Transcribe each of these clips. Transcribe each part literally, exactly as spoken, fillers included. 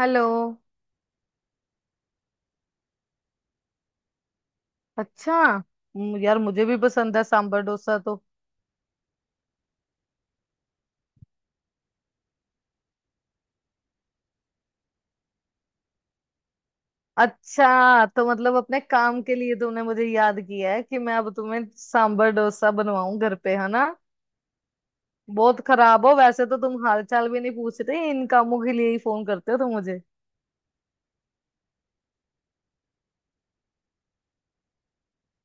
Hello. अच्छा। हम्म, यार मुझे भी पसंद है सांबर डोसा तो। अच्छा तो मतलब अपने काम के लिए तुमने मुझे याद किया है कि मैं अब तुम्हें सांबर डोसा बनवाऊं घर पे, है ना। बहुत खराब हो वैसे तो तुम, हाल चाल भी नहीं पूछ रहे, इन कामों के लिए ही फोन करते हो तुम मुझे।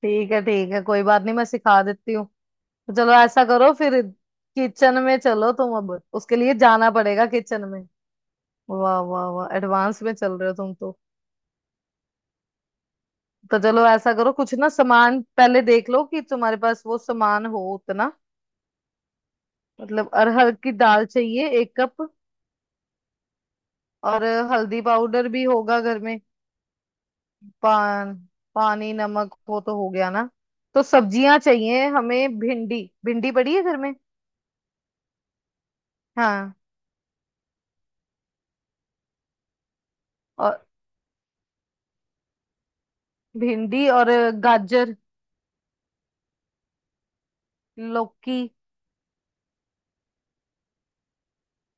ठीक है ठीक है, कोई बात नहीं, मैं सिखा देती हूँ। तो चलो ऐसा करो फिर। किचन में चलो, तुम अब उसके लिए जाना पड़ेगा किचन में। वाह वाह वाह, एडवांस में चल रहे हो तुम तो। तो चलो ऐसा करो, कुछ ना सामान पहले देख लो कि तुम्हारे पास वो सामान हो उतना। मतलब अरहर की दाल चाहिए एक कप। और हल्दी पाउडर भी होगा घर में। पान पानी नमक वो तो हो गया ना। तो सब्जियां चाहिए हमें, भिंडी। भिंडी पड़ी है घर में। हाँ। और भिंडी और गाजर, लौकी,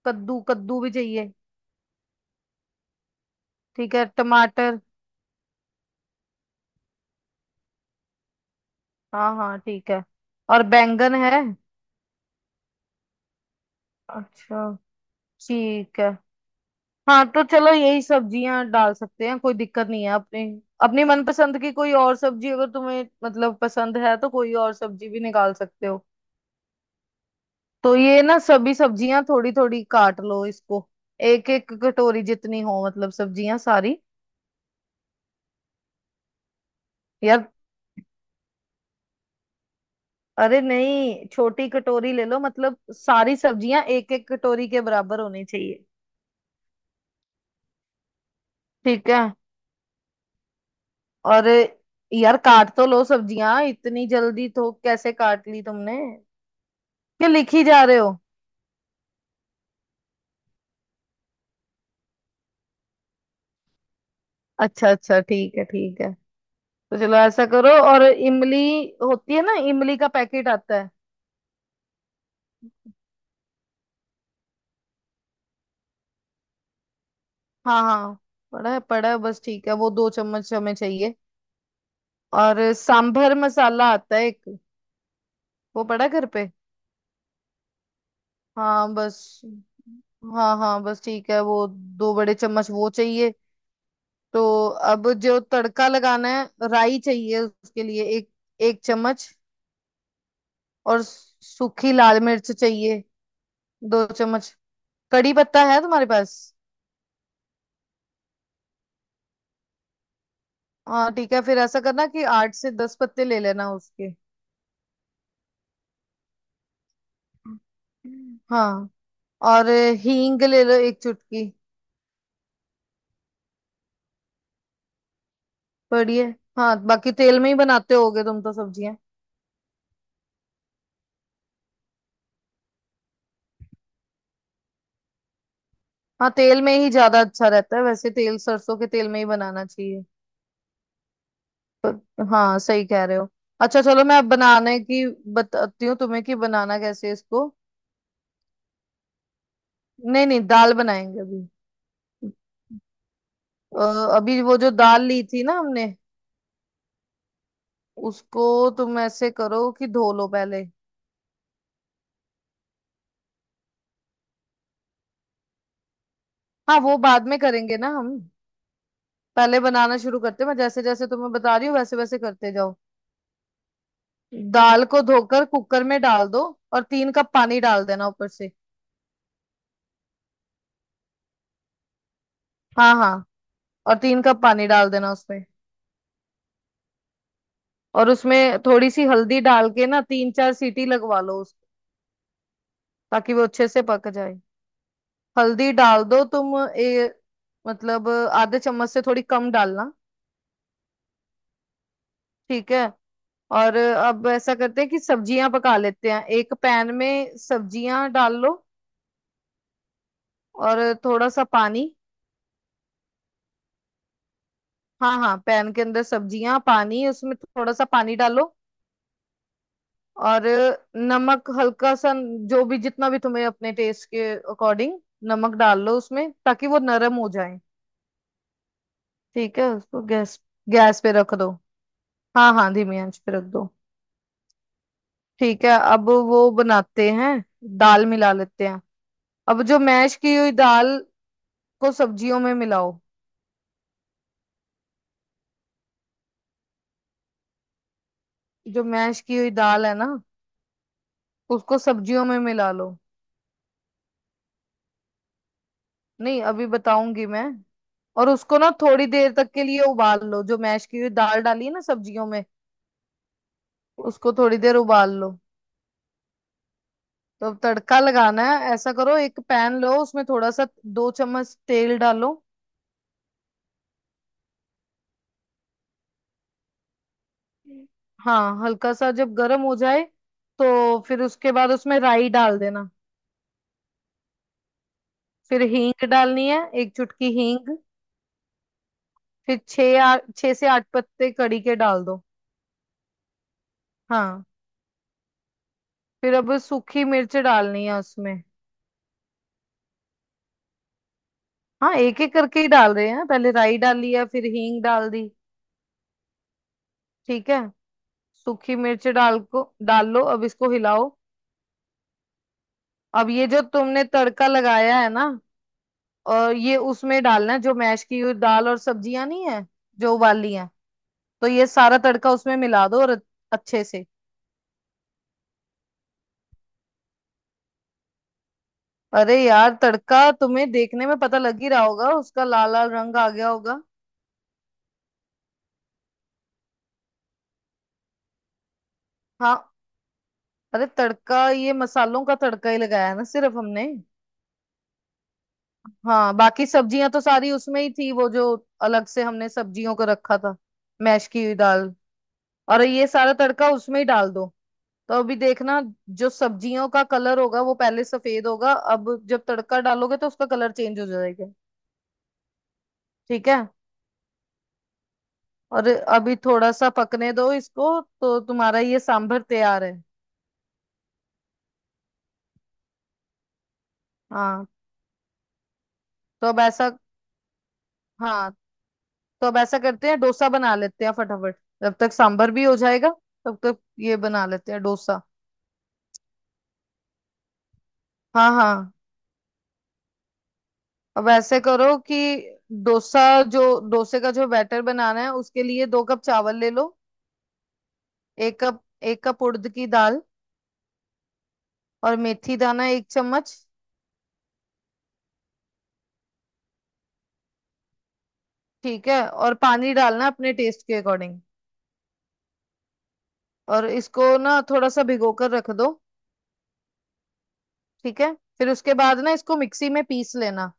कद्दू। कद्दू भी चाहिए। ठीक है, टमाटर। हाँ हाँ ठीक है। और बैंगन है। अच्छा, ठीक है। हाँ तो चलो, यही सब्जियां डाल सकते हैं, कोई दिक्कत नहीं है अपने। अपनी मनपसंद की कोई और सब्जी अगर तुम्हें मतलब पसंद है तो कोई और सब्जी भी निकाल सकते हो। तो ये ना, सभी सब्जियां थोड़ी थोड़ी काट लो इसको। एक एक कटोरी जितनी हो, मतलब सब्जियां सारी। यार, अरे नहीं छोटी कटोरी ले लो, मतलब सारी सब्जियां एक एक कटोरी के बराबर होनी चाहिए। ठीक है। और यार, काट तो लो सब्जियां, इतनी जल्दी तो कैसे काट ली तुमने, क्या लिखी जा रहे हो। अच्छा अच्छा, ठीक है ठीक है। तो चलो ऐसा करो, और इमली होती है ना, इमली का पैकेट आता है। हाँ हाँ। पड़ा है पड़ा है बस, ठीक है, वो दो चम्मच हमें चाहिए। और सांभर मसाला आता है एक, वो पड़ा है घर पे। हाँ बस, हाँ हाँ बस, ठीक है, वो दो बड़े चम्मच वो चाहिए। तो अब जो तड़का लगाना है, राई चाहिए उसके लिए एक एक चम्मच। और सूखी लाल मिर्च चाहिए, दो चम्मच। कड़ी पत्ता है तुम्हारे पास। हाँ ठीक है, फिर ऐसा करना कि आठ से दस पत्ते ले लेना उसके। हाँ। और हींग ले लो एक चुटकी। बढ़िया। हाँ बाकी तेल में ही बनाते होगे तुम तो सब्जियां। हाँ तेल में ही ज्यादा अच्छा रहता है वैसे, तेल सरसों के तेल में ही बनाना चाहिए। पर- हाँ सही कह रहे हो। अच्छा चलो, मैं अब बनाने की बताती हूँ तुम्हें कि बनाना कैसे है इसको। नहीं नहीं, दाल बनाएंगे अभी। अ, अभी वो जो दाल ली थी ना हमने, उसको तुम ऐसे करो कि धो लो पहले। हाँ वो बाद में करेंगे ना हम। पहले बनाना शुरू करते हैं, मैं जैसे जैसे तुम्हें बता रही हूँ वैसे वैसे करते जाओ। दाल को धोकर कुकर में डाल दो, और तीन कप पानी डाल देना ऊपर से। हाँ हाँ। और तीन कप पानी डाल देना उसमें। और उसमें थोड़ी सी हल्दी डाल के ना, तीन चार सीटी लगवा लो उसको, ताकि वो अच्छे से पक जाए। हल्दी डाल दो तुम, ए, मतलब आधे चम्मच से थोड़ी कम डालना। ठीक है। और अब ऐसा करते हैं कि सब्जियां पका लेते हैं, एक पैन में सब्जियां डाल लो, और थोड़ा सा पानी। हाँ हाँ, पैन के अंदर सब्जियां, पानी, उसमें थोड़ा सा पानी डालो। और नमक हल्का सा, जो भी जितना भी तुम्हें अपने टेस्ट के अकॉर्डिंग नमक डाल लो उसमें, ताकि वो नरम हो जाए। ठीक है, उसको गैस गैस पे रख दो। हाँ हाँ, धीमी आंच पे रख दो। ठीक है, अब वो बनाते हैं, दाल मिला लेते हैं। अब जो मैश की हुई दाल को सब्जियों में मिलाओ। जो मैश की हुई दाल है ना, उसको सब्जियों में मिला लो। नहीं अभी बताऊंगी मैं। और उसको ना थोड़ी देर तक के लिए उबाल लो, जो मैश की हुई दाल डाली है ना सब्जियों में, उसको थोड़ी देर उबाल लो। तो अब तड़का लगाना है, ऐसा करो, एक पैन लो, उसमें थोड़ा सा, दो चम्मच तेल डालो। हाँ हल्का सा जब गर्म हो जाए, तो फिर उसके बाद उसमें राई डाल देना। फिर हींग डालनी है, एक चुटकी हींग। फिर छः आ- छः से आठ पत्ते कड़ी के डाल दो। हाँ। फिर अब सूखी मिर्च डालनी है उसमें। हाँ, एक एक करके ही डाल रहे हैं, पहले राई डाली है, फिर हींग डाल दी। ठीक है। सूखी मिर्च डाल को डाल लो, अब इसको हिलाओ। अब ये जो तुमने तड़का लगाया है ना, और ये उसमें डालना है जो मैश की हुई दाल और सब्जियां नहीं है, जो उबाली हैं। तो ये सारा तड़का उसमें मिला दो और अच्छे से। अरे यार, तड़का तुम्हें देखने में पता लग ही रहा होगा, उसका लाल लाल रंग आ गया होगा। हाँ। अरे तड़का, ये मसालों का तड़का ही लगाया है ना सिर्फ हमने। हाँ बाकी सब्जियां तो सारी उसमें ही थी, वो जो अलग से हमने सब्जियों को रखा था। मैश की हुई दाल और ये सारा तड़का उसमें ही डाल दो। तो अभी देखना, जो सब्जियों का कलर होगा वो पहले सफेद होगा, अब जब तड़का डालोगे तो उसका कलर चेंज हो जाएगा। ठीक है, और अभी थोड़ा सा पकने दो इसको, तो तुम्हारा ये सांभर तैयार है। हाँ तो अब ऐसा हाँ तो अब ऐसा करते हैं, डोसा बना लेते हैं फटाफट, जब तक सांभर भी हो जाएगा तब तक ये बना लेते हैं डोसा। हाँ हाँ। अब ऐसे करो कि, डोसा जो डोसे का जो बैटर बनाना है उसके लिए दो कप चावल ले लो। एक कप एक कप उड़द की दाल। और मेथी दाना एक चम्मच। ठीक है, और पानी डालना अपने टेस्ट के अकॉर्डिंग। और इसको ना थोड़ा सा भिगो कर रख दो। ठीक है, फिर उसके बाद ना इसको मिक्सी में पीस लेना।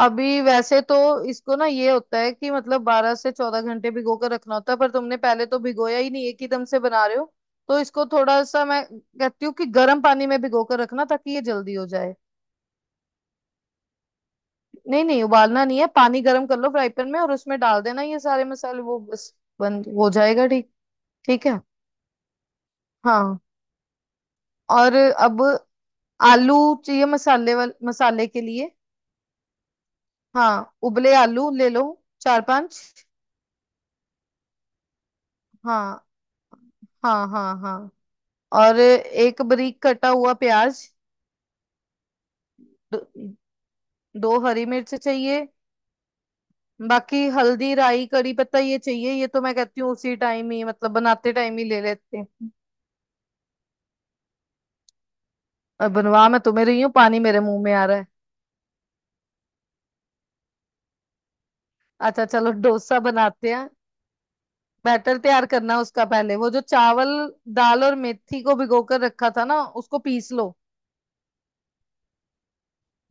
अभी वैसे तो इसको ना, ये होता है कि मतलब बारह से चौदह घंटे भिगो कर रखना होता है, पर तुमने पहले तो भिगोया ही नहीं, एक ही दम से बना रहे हो, तो इसको थोड़ा सा मैं कहती हूँ कि गर्म पानी में भिगो कर रखना ताकि ये जल्दी हो जाए। नहीं नहीं, उबालना नहीं है, पानी गर्म कर लो फ्राई पैन में, और उसमें डाल देना ये सारे मसाले, वो बस बन हो जाएगा, ठीक। ठीक है। हाँ, और अब आलू चाहिए मसाले वाल मसाले के लिए। हाँ उबले आलू ले लो, चार पांच। हाँ हाँ हाँ हाँ। और एक बारीक कटा हुआ प्याज, दो, दो हरी मिर्च चाहिए। बाकी हल्दी, राई, कड़ी पत्ता, ये चाहिए, ये तो मैं कहती हूँ उसी टाइम ही, मतलब बनाते टाइम ही ले लेते हैं। और बनवा मैं तुम्हें रही हूँ, पानी मेरे मुंह में आ रहा है। अच्छा चलो, डोसा बनाते हैं। बैटर तैयार करना है उसका पहले, वो जो चावल दाल और मेथी को भिगो कर रखा था ना, उसको पीस लो।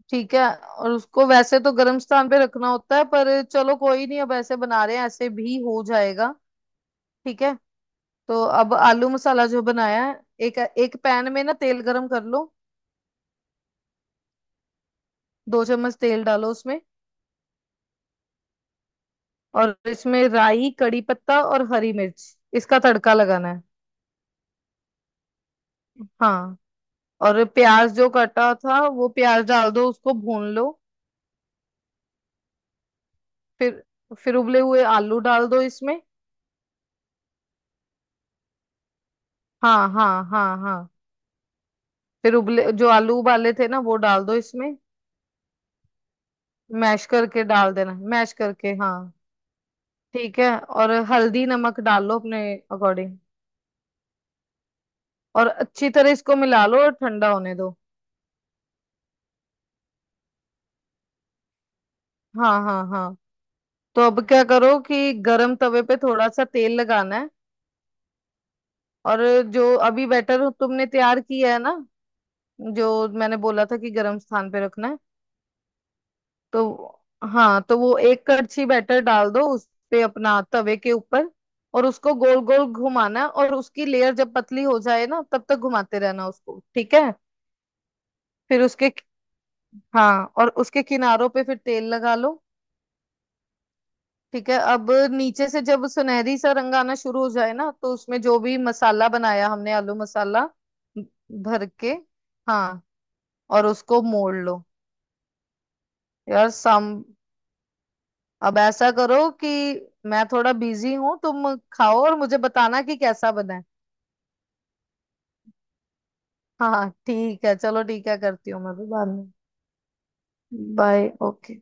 ठीक है, और उसको वैसे तो गर्म स्थान पे रखना होता है, पर चलो कोई नहीं, अब ऐसे बना रहे हैं, ऐसे भी हो जाएगा। ठीक है। तो अब आलू मसाला जो बनाया है, एक एक पैन में ना तेल गरम कर लो। दो चम्मच तेल डालो उसमें। और इसमें राई, कड़ी पत्ता और हरी मिर्च, इसका तड़का लगाना है। हाँ, और प्याज जो कटा था वो प्याज डाल दो, उसको भून लो। फिर फिर उबले हुए आलू डाल दो इसमें। हाँ हाँ हाँ हाँ। फिर उबले जो आलू उबाले थे ना, वो डाल दो इसमें, मैश करके डाल देना, मैश करके, हाँ। ठीक है, और हल्दी नमक डाल लो अपने अकॉर्डिंग। और अच्छी तरह इसको मिला लो और ठंडा होने दो। हाँ हाँ हाँ। तो अब क्या करो कि गरम तवे पे थोड़ा सा तेल लगाना है। और जो अभी बैटर तुमने तैयार किया है ना, जो मैंने बोला था कि गरम स्थान पे रखना है, तो हाँ, तो वो एक कड़छी बैटर डाल दो उस पे, अपना तवे के ऊपर। और उसको गोल गोल घुमाना है, और उसकी लेयर जब पतली हो जाए ना, तब तक घुमाते रहना उसको, ठीक है। फिर उसके, हाँ, और उसके किनारों पे फिर तेल लगा लो। ठीक है, अब नीचे से जब सुनहरी सा रंग आना शुरू हो जाए ना, तो उसमें जो भी मसाला बनाया हमने, आलू मसाला भर के, हाँ, और उसको मोड़ लो। यार, सम अब ऐसा करो कि मैं थोड़ा बिजी हूँ, तुम खाओ और मुझे बताना कि कैसा बना है। हाँ हाँ, ठीक है चलो, ठीक है, करती हूँ मैं भी बाद में। Bye, okay.